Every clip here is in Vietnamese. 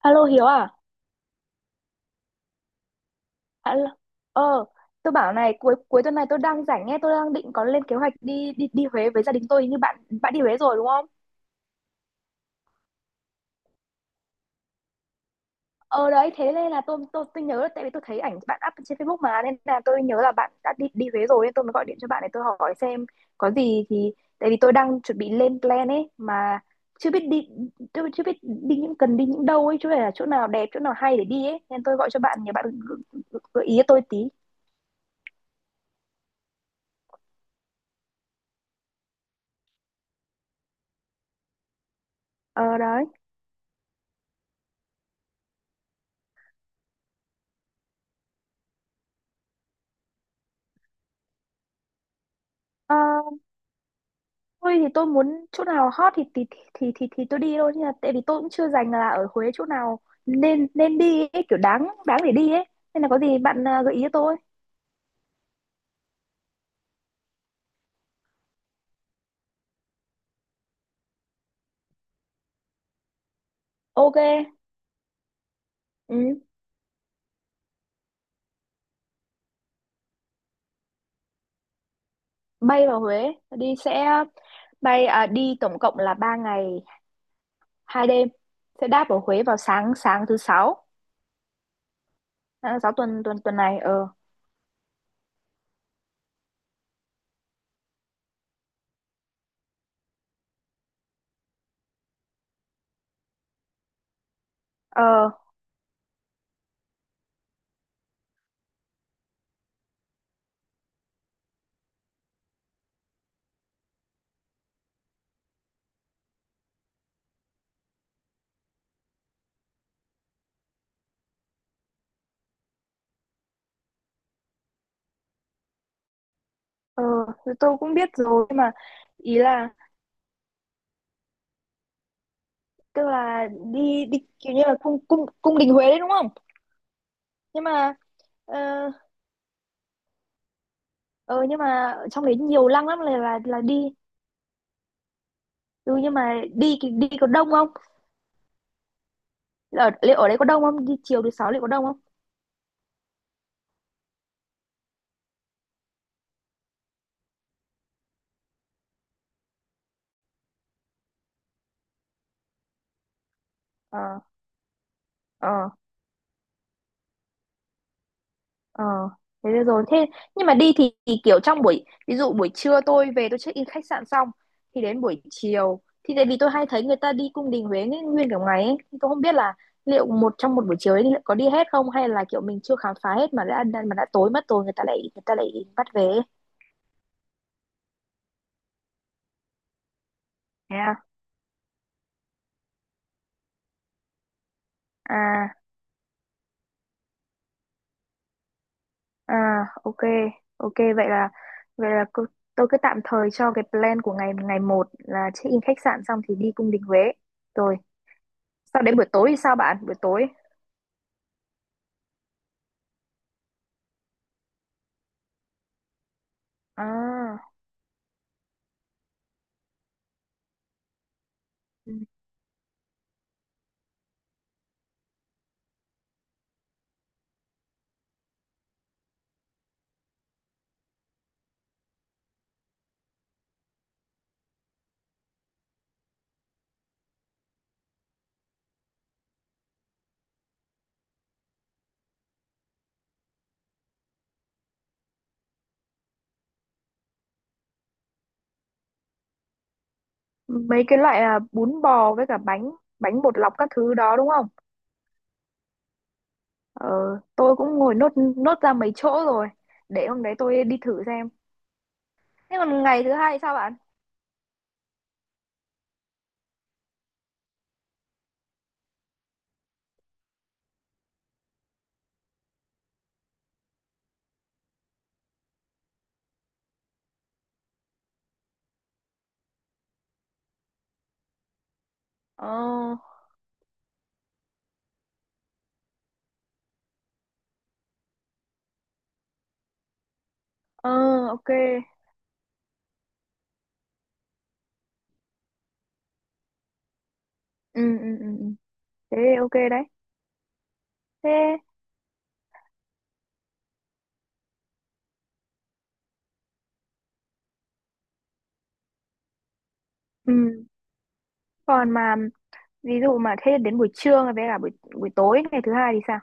Alo Hiếu à? Alo. Ờ, tôi bảo này cuối cuối tuần này tôi đang rảnh nghe, tôi đang định có lên kế hoạch đi đi đi Huế với gia đình tôi như bạn bạn đi Huế rồi đúng không? Ờ đấy, thế nên là tôi nhớ là tại vì tôi thấy ảnh bạn up trên Facebook mà nên là tôi nhớ là bạn đã đi đi Huế rồi nên tôi mới gọi điện cho bạn để tôi hỏi xem có gì thì tại vì tôi đang chuẩn bị lên plan ấy mà chưa biết đi tôi chưa biết đi những cần đi những đâu ấy chứ phải là chỗ nào đẹp chỗ nào hay để đi ấy nên tôi gọi cho bạn nhờ bạn gợi gợi- gợi ý cho tôi tí. Ờ đấy. Ờ, tôi thì tôi muốn chỗ nào hot thì tôi đi thôi nhưng mà tại vì tôi cũng chưa dành là ở Huế chỗ nào nên nên đi ấy, kiểu đáng đáng để đi ấy. Nên là có gì bạn à, gợi ý cho tôi. Ok. Ừ. Bay vào Huế đi sẽ đi tổng cộng là 3 ngày 2 đêm. Sẽ đáp ở Huế vào sáng sáng thứ sáu tuần tuần tuần này. Ờ, ờ, ờ, thì tôi cũng biết rồi nhưng mà ý là tức là đi đi kiểu như là cung cung cung đình Huế đấy đúng không? Nhưng mà ờ, ừ, nhưng mà ở trong đấy nhiều lăng lắm là đi. Ừ, nhưng mà đi đi có đông không? Liệu ở đấy có đông không, đi chiều thứ sáu liệu có đông không? Ờ, ờ, ờ, thế được rồi. Thế nhưng mà đi thì kiểu trong buổi, ví dụ buổi trưa tôi về tôi check in khách sạn xong thì đến buổi chiều thì tại vì tôi hay thấy người ta đi cung đình Huế nguyên nguyên cả ngày ấy. Thì tôi không biết là liệu một trong một buổi chiều ấy liệu có đi hết không hay là kiểu mình chưa khám phá hết mà mà đã tối mất rồi người ta lại bắt về ấy. Thế à? À. À, ok, ok, vậy là tôi cứ tạm thời cho cái plan của ngày ngày một là check in khách sạn xong thì đi cung đình Huế. Rồi, sau đến buổi tối thì sao bạn? Buổi tối. À. Ừ. Mấy cái loại bún bò với cả bánh bánh bột lọc các thứ đó đúng không? Ờ, tôi cũng ngồi nốt nốt ra mấy chỗ rồi. Để hôm đấy tôi đi thử xem. Thế còn ngày thứ hai thì sao bạn? Ờ, ờ, ok. Ừ, ừ, ừ. Ừ. Thế ok đấy. Thế, ừ. Còn mà ví dụ mà thế đến buổi trưa với cả buổi buổi tối ngày thứ hai thì sao?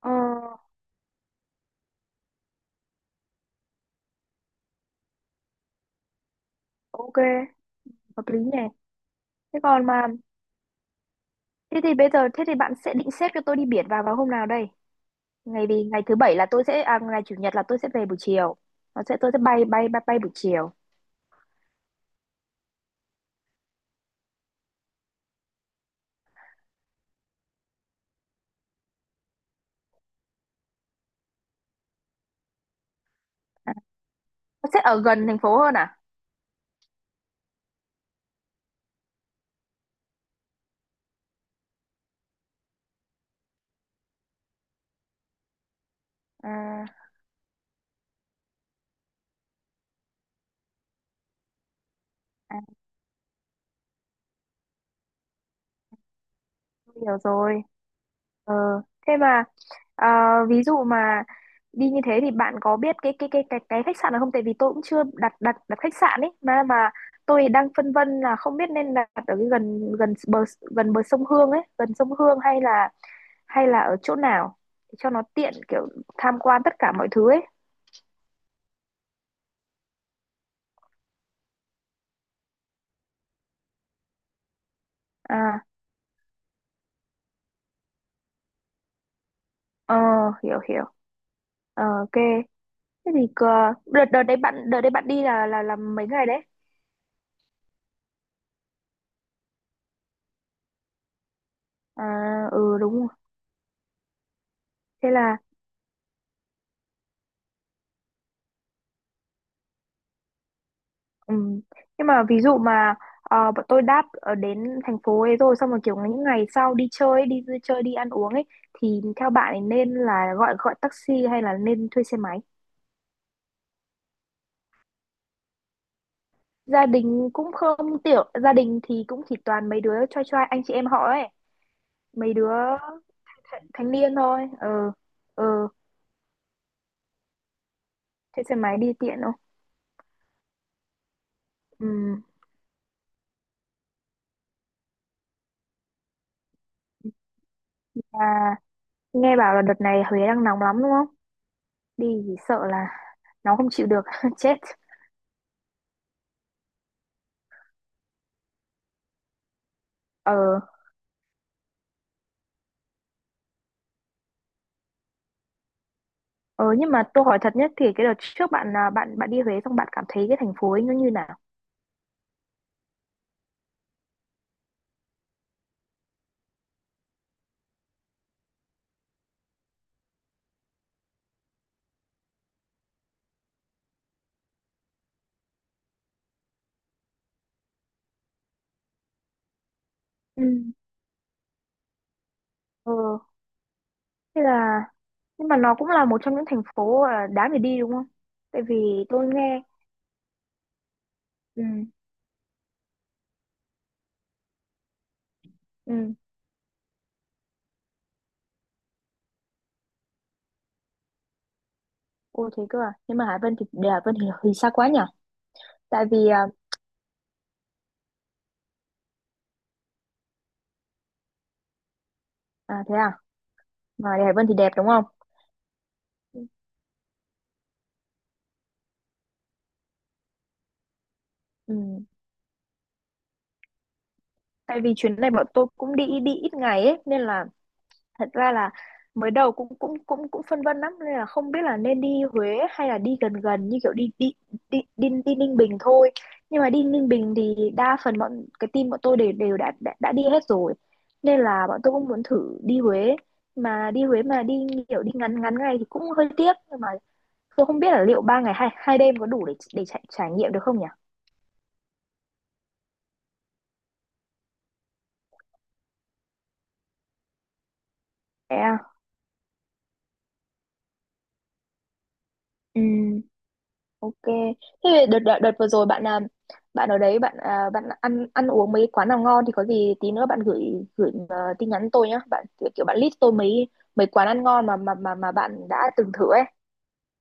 Ờ, ok, hợp lý nhỉ. Thế còn mà, thế thì bây giờ thế thì bạn sẽ định xếp cho tôi đi biển vào vào hôm nào đây? Ngày, vì ngày thứ bảy là tôi sẽ ngày chủ nhật là tôi sẽ về buổi chiều. Nó sẽ tôi sẽ bay bay bay bay buổi chiều. Nó sẽ ở gần thành phố hơn à? à, à tôi hiểu rồi. Ờ, thế mà. Ờ, ví dụ mà đi như thế thì bạn có biết cái khách sạn nào không? Tại vì tôi cũng chưa đặt đặt đặt khách sạn ấy mà tôi đang phân vân là không biết nên đặt ở cái gần gần bờ sông Hương ấy, gần sông Hương hay là ở chỗ nào để cho nó tiện kiểu tham quan tất cả mọi thứ ấy. À, ờ, hiểu hiểu. Ờ, ok. Thế thì đợt đợt đấy bạn đi là mấy ngày đấy? À, ừ, đúng rồi. Thế là. Ừ. Nhưng mà ví dụ mà bọn tôi đáp ở đến thành phố ấy rồi xong rồi kiểu những ngày sau đi chơi ấy, đi vui chơi đi ăn uống ấy thì theo bạn ấy nên là gọi gọi taxi hay là nên thuê xe máy? Gia đình cũng không tiểu, gia đình thì cũng chỉ toàn mấy đứa trai trai anh chị em họ ấy, mấy đứa thanh niên thôi. Ờ, ờ, thuê xe máy đi tiện không? Ừ. À, nghe bảo là đợt này Huế đang nóng lắm đúng không? Đi thì sợ là nó không chịu được chết. Ờ. Ờ, nhưng mà tôi hỏi thật nhất thì cái đợt trước bạn là bạn bạn đi Huế xong bạn cảm thấy cái thành phố ấy nó như nào? Ừ. Ờ, thế là nhưng mà nó cũng là một trong những thành phố à, đáng để đi đúng không? Tại vì tôi nghe. Ừ, ừ. Ô, thế cơ à. Nhưng mà Hải Vân thì để Hải Vân thì xa quá nhỉ? Tại vì thế, mà để Hải Vân thì đẹp đúng không? Ừ. Tại vì chuyến này bọn tôi cũng đi đi ít ngày ấy nên là thật ra là mới đầu cũng cũng cũng cũng phân vân lắm nên là không biết là nên đi Huế hay là đi gần gần như kiểu đi đi đi đi, đi Ninh Bình thôi nhưng mà đi Ninh Bình thì đa phần bọn cái team bọn tôi đều đều đã đi hết rồi nên là bọn tôi cũng muốn thử đi Huế mà đi Huế mà đi kiểu đi ngắn ngắn ngày thì cũng hơi tiếc nhưng mà tôi không biết là liệu ba ngày hai hai đêm có đủ để trải nghiệm được không nhỉ? Thế à? Ừ. Ok. Thế đợt, đợt vừa rồi bạn à, bạn ở đấy bạn à, bạn ăn ăn uống mấy quán nào ngon thì có gì tí nữa bạn gửi gửi tin nhắn tôi nhá. Bạn kiểu, kiểu bạn list tôi mấy mấy quán ăn ngon mà bạn đã từng thử ấy.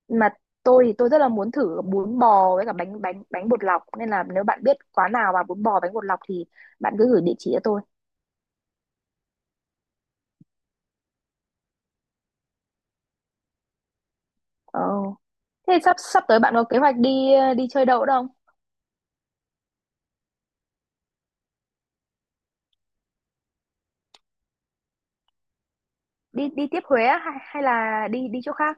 Mà tôi thì tôi rất là muốn thử bún bò với cả bánh bánh bánh bột lọc nên là nếu bạn biết quán nào mà bún bò bánh bột lọc thì bạn cứ gửi địa chỉ cho tôi. Ờ. Thế sắp sắp tới bạn có kế hoạch đi đi chơi đâu không? Đi đi tiếp Huế á, hay hay là đi đi chỗ khác?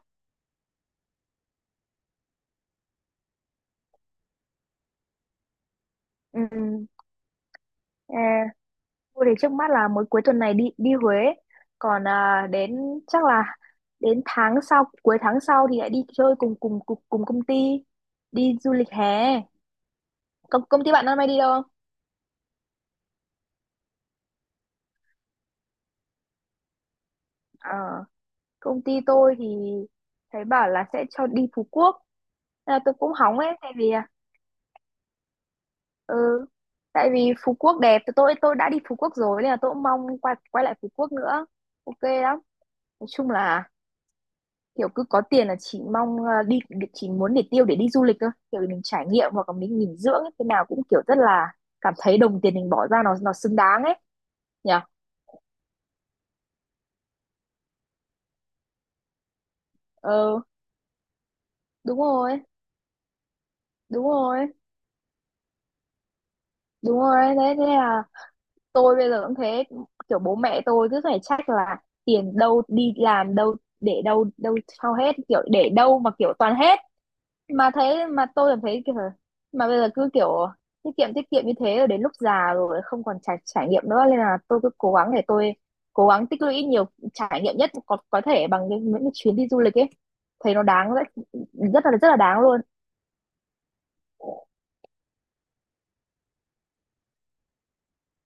Ừ. Tôi thì trước mắt là mới cuối tuần này đi đi Huế, còn à, đến chắc là đến tháng sau cuối tháng sau thì lại đi chơi cùng công ty đi du lịch hè. Công công ty bạn năm nay đi đâu không? Ờ, công ty tôi thì thấy bảo là sẽ cho đi Phú Quốc. Nên là tôi cũng hóng ấy tại vì à, ừ, tại vì Phú Quốc đẹp tôi đã đi Phú Quốc rồi nên là tôi cũng mong quay quay lại Phú Quốc nữa. Ok lắm. Nói chung là kiểu cứ có tiền là chỉ mong đi chỉ muốn để tiêu để đi du lịch thôi kiểu mình trải nghiệm hoặc là mình nghỉ dưỡng ấy, thế nào cũng kiểu rất là cảm thấy đồng tiền mình bỏ ra nó xứng đáng ấy nhỉ. Ờ, đúng rồi. Đúng rồi. Đúng rồi đấy. Thế là tôi bây giờ cũng thế kiểu bố mẹ tôi cứ phải trách là tiền đâu đi làm đâu để đâu đâu sao hết kiểu để đâu mà kiểu toàn hết mà thế mà tôi cảm thấy kiểu mà bây giờ cứ kiểu tiết kiệm như thế rồi đến lúc già rồi không còn trải trải nghiệm nữa nên là tôi cứ cố gắng để tôi cố gắng tích lũy nhiều trải nghiệm nhất có thể bằng những cái chuyến đi du lịch ấy thấy nó đáng rất rất là đáng luôn.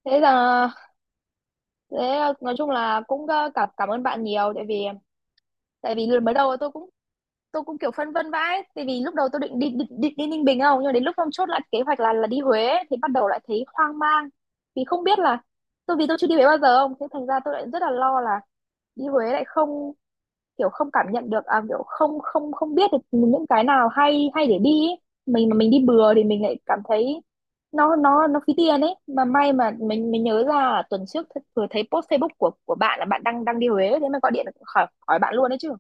Thế là thế nói chung là cũng cảm cảm ơn bạn nhiều tại vì mới đầu tôi cũng kiểu phân vân vãi tại vì lúc đầu tôi định đi Ninh Bình không nhưng mà đến lúc hôm chốt lại kế hoạch là đi Huế ấy, thì bắt đầu lại thấy hoang mang vì không biết là tôi vì tôi chưa đi Huế bao giờ không thế thành ra tôi lại rất là lo là đi Huế lại không kiểu không cảm nhận được à, kiểu không không không biết được những cái nào hay hay để đi ấy. Mình mà mình đi bừa thì mình lại cảm thấy nó phí tiền ấy mà may mà mình nhớ ra là tuần trước vừa thấy post Facebook của bạn là bạn đang đang đi Huế thế mà gọi điện khỏi hỏi bạn luôn đấy chứ.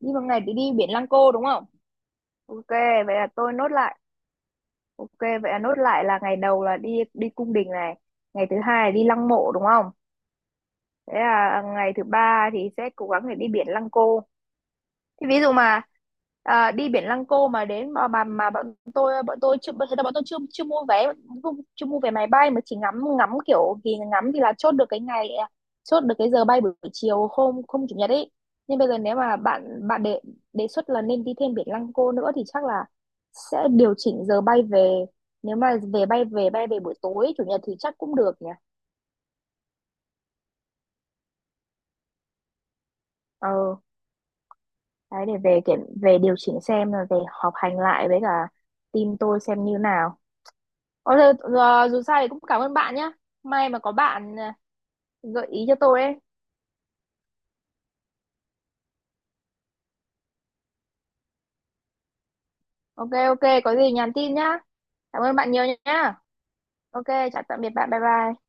Đi một ngày thì đi biển Lăng Cô đúng không? Ok, vậy là tôi nốt lại. Ok, vậy là nốt lại là ngày đầu là đi đi cung đình này, ngày thứ hai là đi lăng mộ đúng không? Thế là ngày thứ ba thì sẽ cố gắng để đi biển Lăng Cô. Thì ví dụ mà đi biển Lăng Cô mà đến mà bọn tôi chưa thế là bọn tôi chưa chưa mua vé chưa, chưa mua vé máy bay mà chỉ ngắm ngắm kiểu thì ngắm thì là chốt được cái ngày à, chốt được cái giờ bay buổi chiều hôm hôm chủ nhật ấy nhưng bây giờ nếu mà bạn bạn đề đề xuất là nên đi thêm biển Lăng Cô nữa thì chắc là sẽ điều chỉnh giờ bay về nếu mà về bay về buổi tối chủ nhật thì chắc cũng được nhỉ. Ờ, đấy để về kiểm về điều chỉnh xem là về họp hành lại với cả team tôi xem như nào. Ờ, giờ, giờ, dù sao thì cũng cảm ơn bạn nhá. May mà có bạn à, gợi ý cho tôi ấy. Ok, ok, có gì nhắn tin nhá. Cảm ơn bạn nhiều nhá. Ok, chào tạm biệt bạn. Bye bye.